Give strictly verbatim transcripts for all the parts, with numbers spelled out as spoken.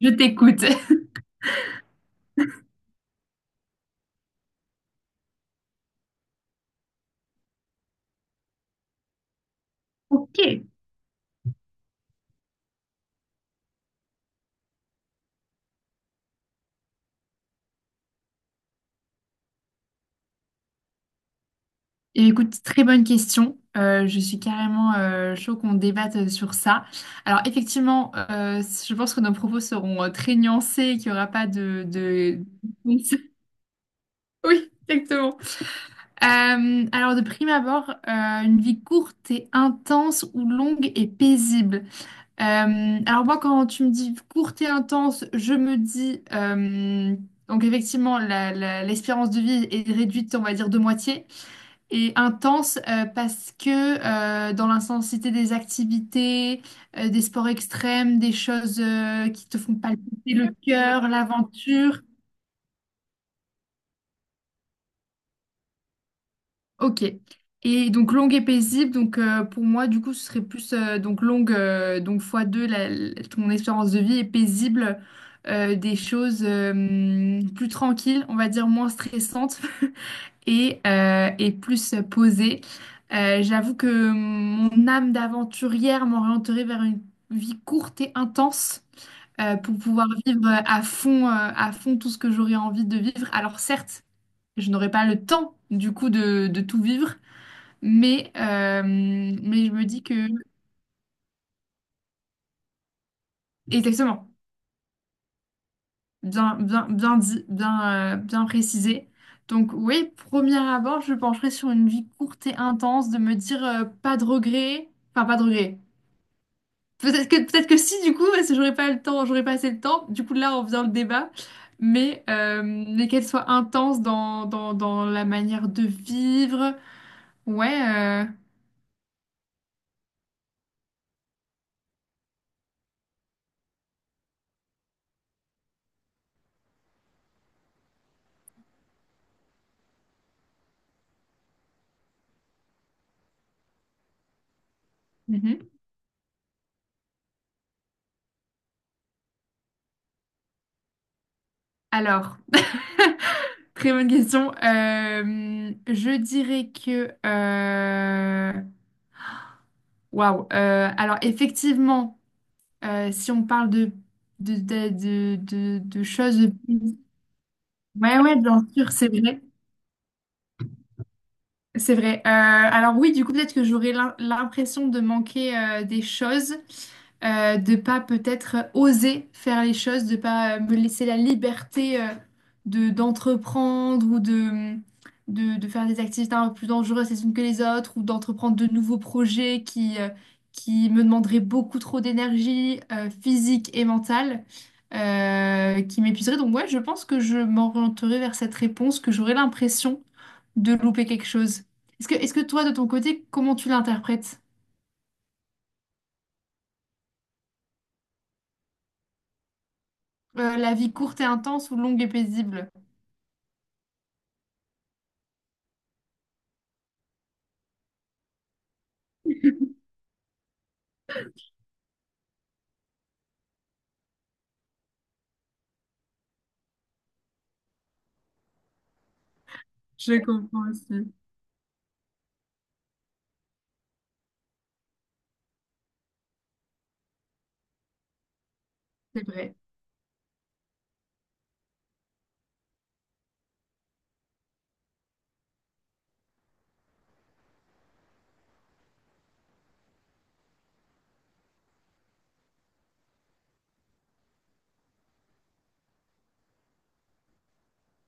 Je t'écoute. Ok. Eh, bien, écoute, très bonne question. Euh, je suis carrément euh, chaud qu'on débatte sur ça. Alors effectivement, euh, je pense que nos propos seront euh, très nuancés et qu'il n'y aura pas de, de... Oui, exactement. Euh, alors de prime abord, euh, une vie courte et intense ou longue et paisible. Euh, alors moi, quand tu me dis courte et intense, je me dis... euh, donc effectivement, la- la- l'espérance de vie est réduite, on va dire, de moitié. Et intense, euh, parce que, euh, dans l'intensité des activités, euh, des sports extrêmes, des choses euh, qui te font palpiter le cœur, l'aventure. Ok. Et donc longue et paisible. Donc, euh, pour moi, du coup, ce serait plus, euh, donc longue, euh, donc fois deux la- la- ton espérance de vie et paisible, euh, des choses, euh, plus tranquilles, on va dire moins stressantes. et, euh, et plus posée. Euh, j'avoue que mon âme d'aventurière m'orienterait vers une vie courte et intense, euh, pour pouvoir vivre à fond, euh, à fond tout ce que j'aurais envie de vivre. Alors certes, je n'aurais pas le temps du coup de, de tout vivre, mais, euh, mais je me dis que... Exactement. Bien, bien, bien dit, bien, euh, bien précisé. Donc oui, premier abord, je pencherai sur une vie courte et intense, de me dire, euh, pas de regrets. Enfin, pas de regrets. Peut-être que, peut-être que si, du coup, parce que j'aurais pas le temps, j'aurais pas assez le temps. Du coup, là, on faisant le débat, mais, euh, mais qu'elle soit intense dans, dans, dans la manière de vivre. Ouais. Euh, mhm. Alors, très bonne question. Euh, je dirais que. euh, Waouh. euh, alors, effectivement, euh, si on parle de, de, de, de, de- de choses. Ouais, ouais, bien sûr, c'est vrai. C'est vrai. Euh, alors oui, du coup, peut-être que j'aurais l'im- l'impression de manquer, euh, des choses, euh, de pas peut-être oser faire les choses, de pas, euh, me laisser la liberté, euh, de d'entreprendre ou de, de de faire des activités un peu plus dangereuses les unes que les autres ou d'entreprendre de nouveaux projets qui, euh, qui me demanderaient beaucoup trop d'énergie, euh, physique et mentale. euh, qui m'épuiseraient. Donc ouais, je pense que je m'orienterai vers cette réponse, que j'aurais l'impression de louper quelque chose. Est-ce que, est-ce que toi, de ton côté, comment tu l'interprètes? Euh, la vie courte et intense ou longue et paisible? Je comprends aussi. C'est vrai,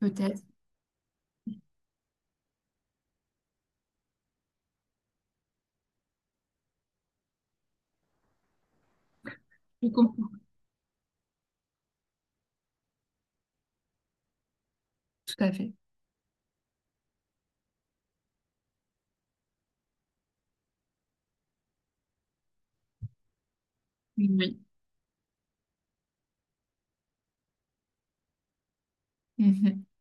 peut-être. Je comprends. Tout à fait. Oui.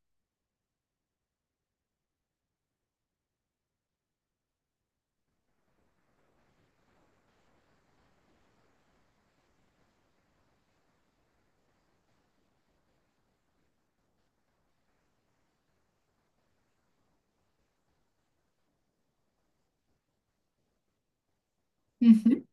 Mhm. Mhm.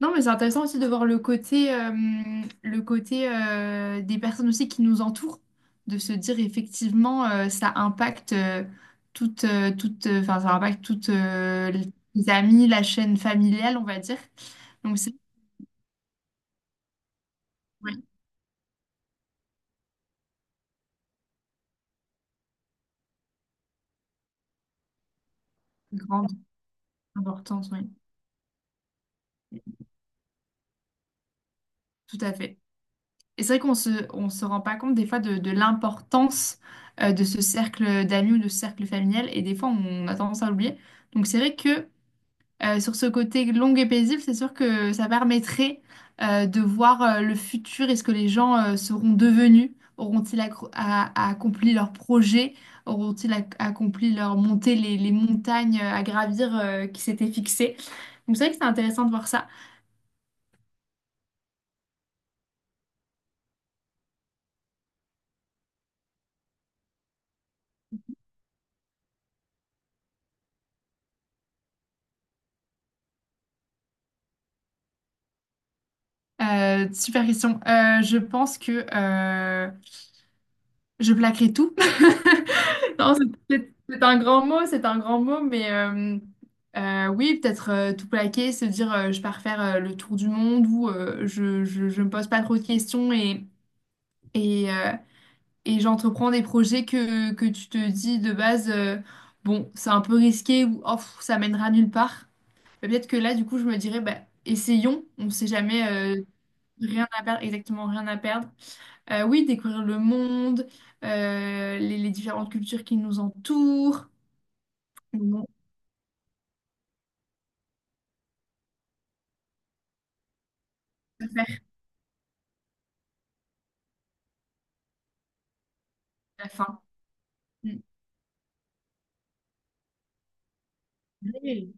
Non, mais c'est intéressant aussi de voir le côté, euh, le côté, euh, des personnes aussi qui nous entourent, de se dire effectivement, euh, ça impacte, euh, toute, euh, toute, euh, enfin, ça impacte toutes, euh, les amis, la chaîne familiale, on va dire. Donc c'est oui, une grande importance, oui, tout à fait. Et c'est vrai qu'on se, on se rend pas compte des fois de, de l'importance, euh, de ce cercle d'amis ou de ce cercle familial, et des fois on a tendance à l'oublier. Donc c'est vrai que, euh, sur ce côté long et paisible, c'est sûr que ça permettrait, euh, de voir, euh, le futur et ce que les gens, euh, seront devenus. Auront-ils accro- a- a- accompli leurs projets? Auront-ils ac- accompli leur montée, les, les montagnes, euh, à gravir, euh, qui s'étaient fixées? Donc c'est vrai que c'est intéressant de voir ça. Euh, super question. Euh, je pense que, euh, je plaquerai tout. Non, c'est c'est- c'est un grand mot, c'est un grand mot, mais euh, euh, oui, peut-être, euh, tout plaquer, se dire, euh, je pars faire, euh, le tour du monde ou, euh, je, je, je me pose pas trop de questions et, et, euh, et j'entreprends des projets que, que tu te dis de base, euh, bon, c'est un peu risqué, ou oh, pff, ça mènera nulle part. Mais peut-être que là, du coup, je me dirais, bah, essayons, on sait jamais, euh, rien à perdre, exactement, rien à perdre. Euh, oui, découvrir le monde, euh, les, les différentes cultures qui nous entourent. Mais bon, à faire la fin. Mm. Oui.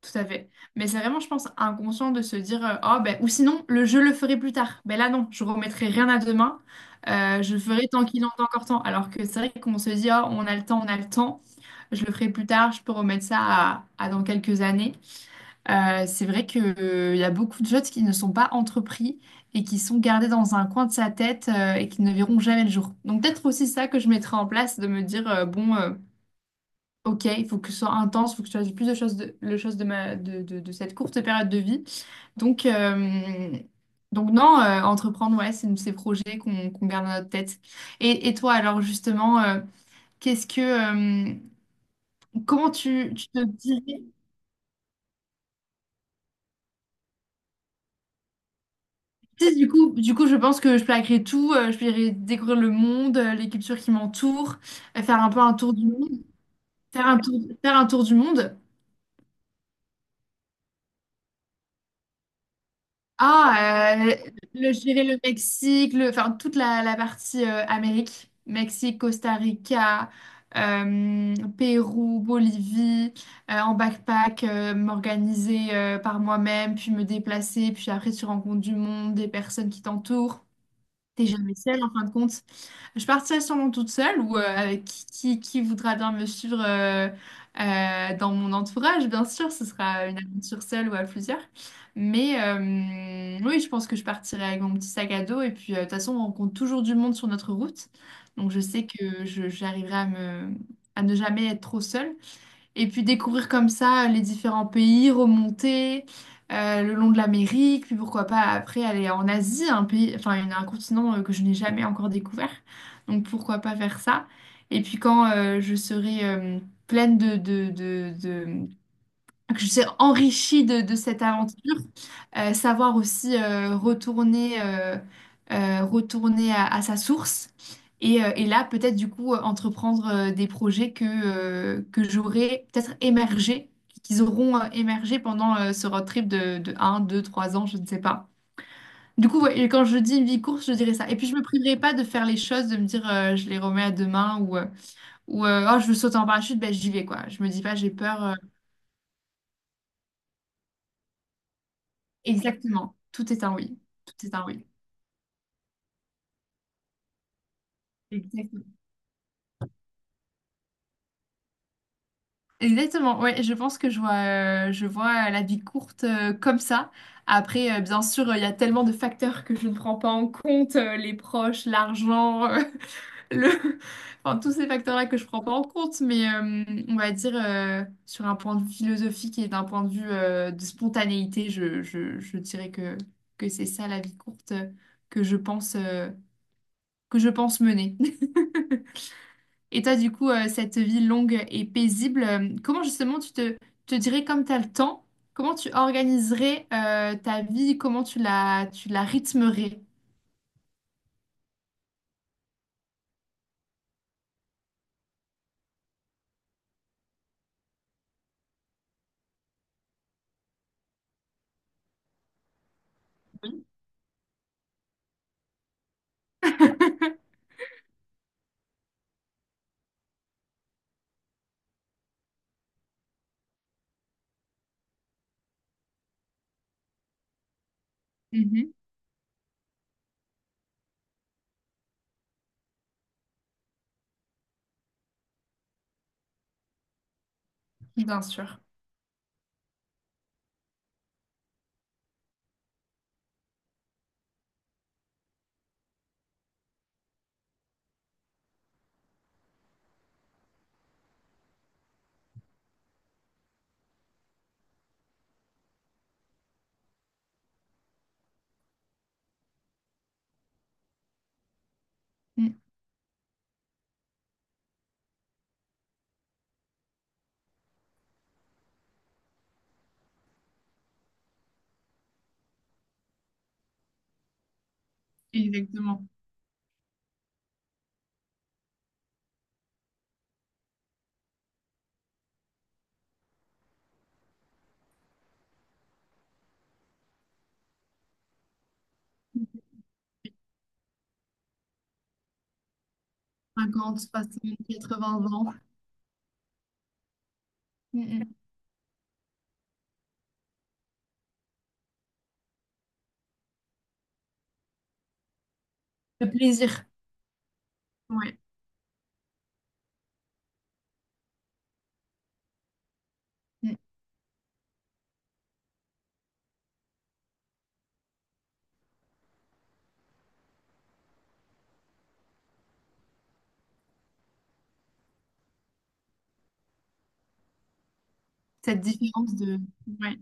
Tout à fait. Mais c'est vraiment, je pense, inconscient de se dire, euh, oh, ben, ou sinon, le je le ferai plus tard. Ben là, non, je remettrai rien à demain. Euh, je ferai tant qu'il en est encore temps. Alors que c'est vrai qu'on se dit, oh, on a le temps, on a le temps. Je le ferai plus tard, je peux remettre ça à à dans quelques années. Euh, c'est vrai qu'il y a beaucoup de choses qui ne sont pas entrepris et qui sont gardées dans un coin de sa tête, euh, et qui ne verront jamais le jour. Donc peut-être aussi ça que je mettrai en place, de me dire, euh, bon, euh, ok, il faut que ce soit intense, il faut que je fasse plus de choses de, le chose de, ma, de, de, de cette courte période de vie. Donc, euh, donc non, euh, entreprendre, ouais, c'est ces projets qu'on qu'on garde dans notre tête. Et, et toi, alors justement, euh, qu'est-ce que... euh, comment tu, tu te diriges. Tu Du coup, du coup, je pense que je plaquerai tout, euh, je plairai découvrir le monde, euh, les cultures qui m'entourent, euh, faire un peu un tour du monde, faire un tour, faire un tour du monde. Ah, euh, le, je dirais le Mexique, le, enfin toute la, la partie, euh, Amérique, Mexique, Costa Rica, euh, Pérou, Bolivie, euh, en backpack, euh, m'organiser, euh, par moi-même, puis me déplacer, puis après tu rencontres du monde, des personnes qui t'entourent. T'es jamais seule en fin de compte. Je partirai sûrement toute seule ou, euh, avec qui, qui, qui voudra bien me suivre, euh, euh, dans mon entourage, bien sûr, ce sera une aventure seule ou à plusieurs. Mais euh, oui, je pense que je partirai avec mon petit sac à dos et puis, euh, de toute façon, on rencontre toujours du monde sur notre route. Donc je sais que je- j'arriverai à me, à ne jamais être trop seule. Et puis découvrir comme ça les différents pays, remonter, euh, le long de l'Amérique, puis pourquoi pas après aller en Asie, un pays, enfin une- un continent, euh, que je n'ai jamais encore découvert. Donc pourquoi pas faire ça. Et puis quand, euh, je serai, euh, pleine de, de, que je suis enrichie de, de cette aventure, Euh, savoir aussi, euh, retourner, euh, euh, retourner à, à sa source et, euh, et là peut-être du coup, euh, entreprendre, euh, des projets que, euh, que j'aurais peut-être émergé, qu'ils auront, euh, émergé pendant, euh, ce road trip de, de un, deux, trois ans, je ne sais pas. Du coup, ouais, et quand je dis une vie courte, je dirais ça. Et puis, je me priverai pas de faire les choses, de me dire, euh, je les remets à demain ou, euh, ou euh, oh, je veux sauter en parachute, ben, j'y vais, quoi. Je me dis pas j'ai peur. Exactement. Tout est un oui. Tout est un oui. Exactement. Exactement. Ouais, je pense que je vois, euh, je vois la vie courte, euh, comme ça. Après, euh, bien sûr, euh, il y a tellement de facteurs que je ne prends pas en compte, euh, les proches, l'argent, euh, le... enfin, tous ces facteurs-là que je ne prends pas en compte, mais euh, on va dire, euh, sur un point de vue philosophique et d'un point de vue, euh, de spontanéité, je, je, je dirais que, que c'est ça la vie courte, euh, que je pense, euh, que je pense mener. Et toi, du coup, euh, cette vie longue et paisible, euh, comment justement tu te, te dirais comme tu as le temps, comment tu organiserais, euh, ta vie, comment tu la, tu la rythmerais? Mhm, bien sûr. Mm, exactement. cinquante, soixante, quatre-vingts ans. Mm, mm. Le plaisir. Ouais. Mm. Cette différence de... Ouais.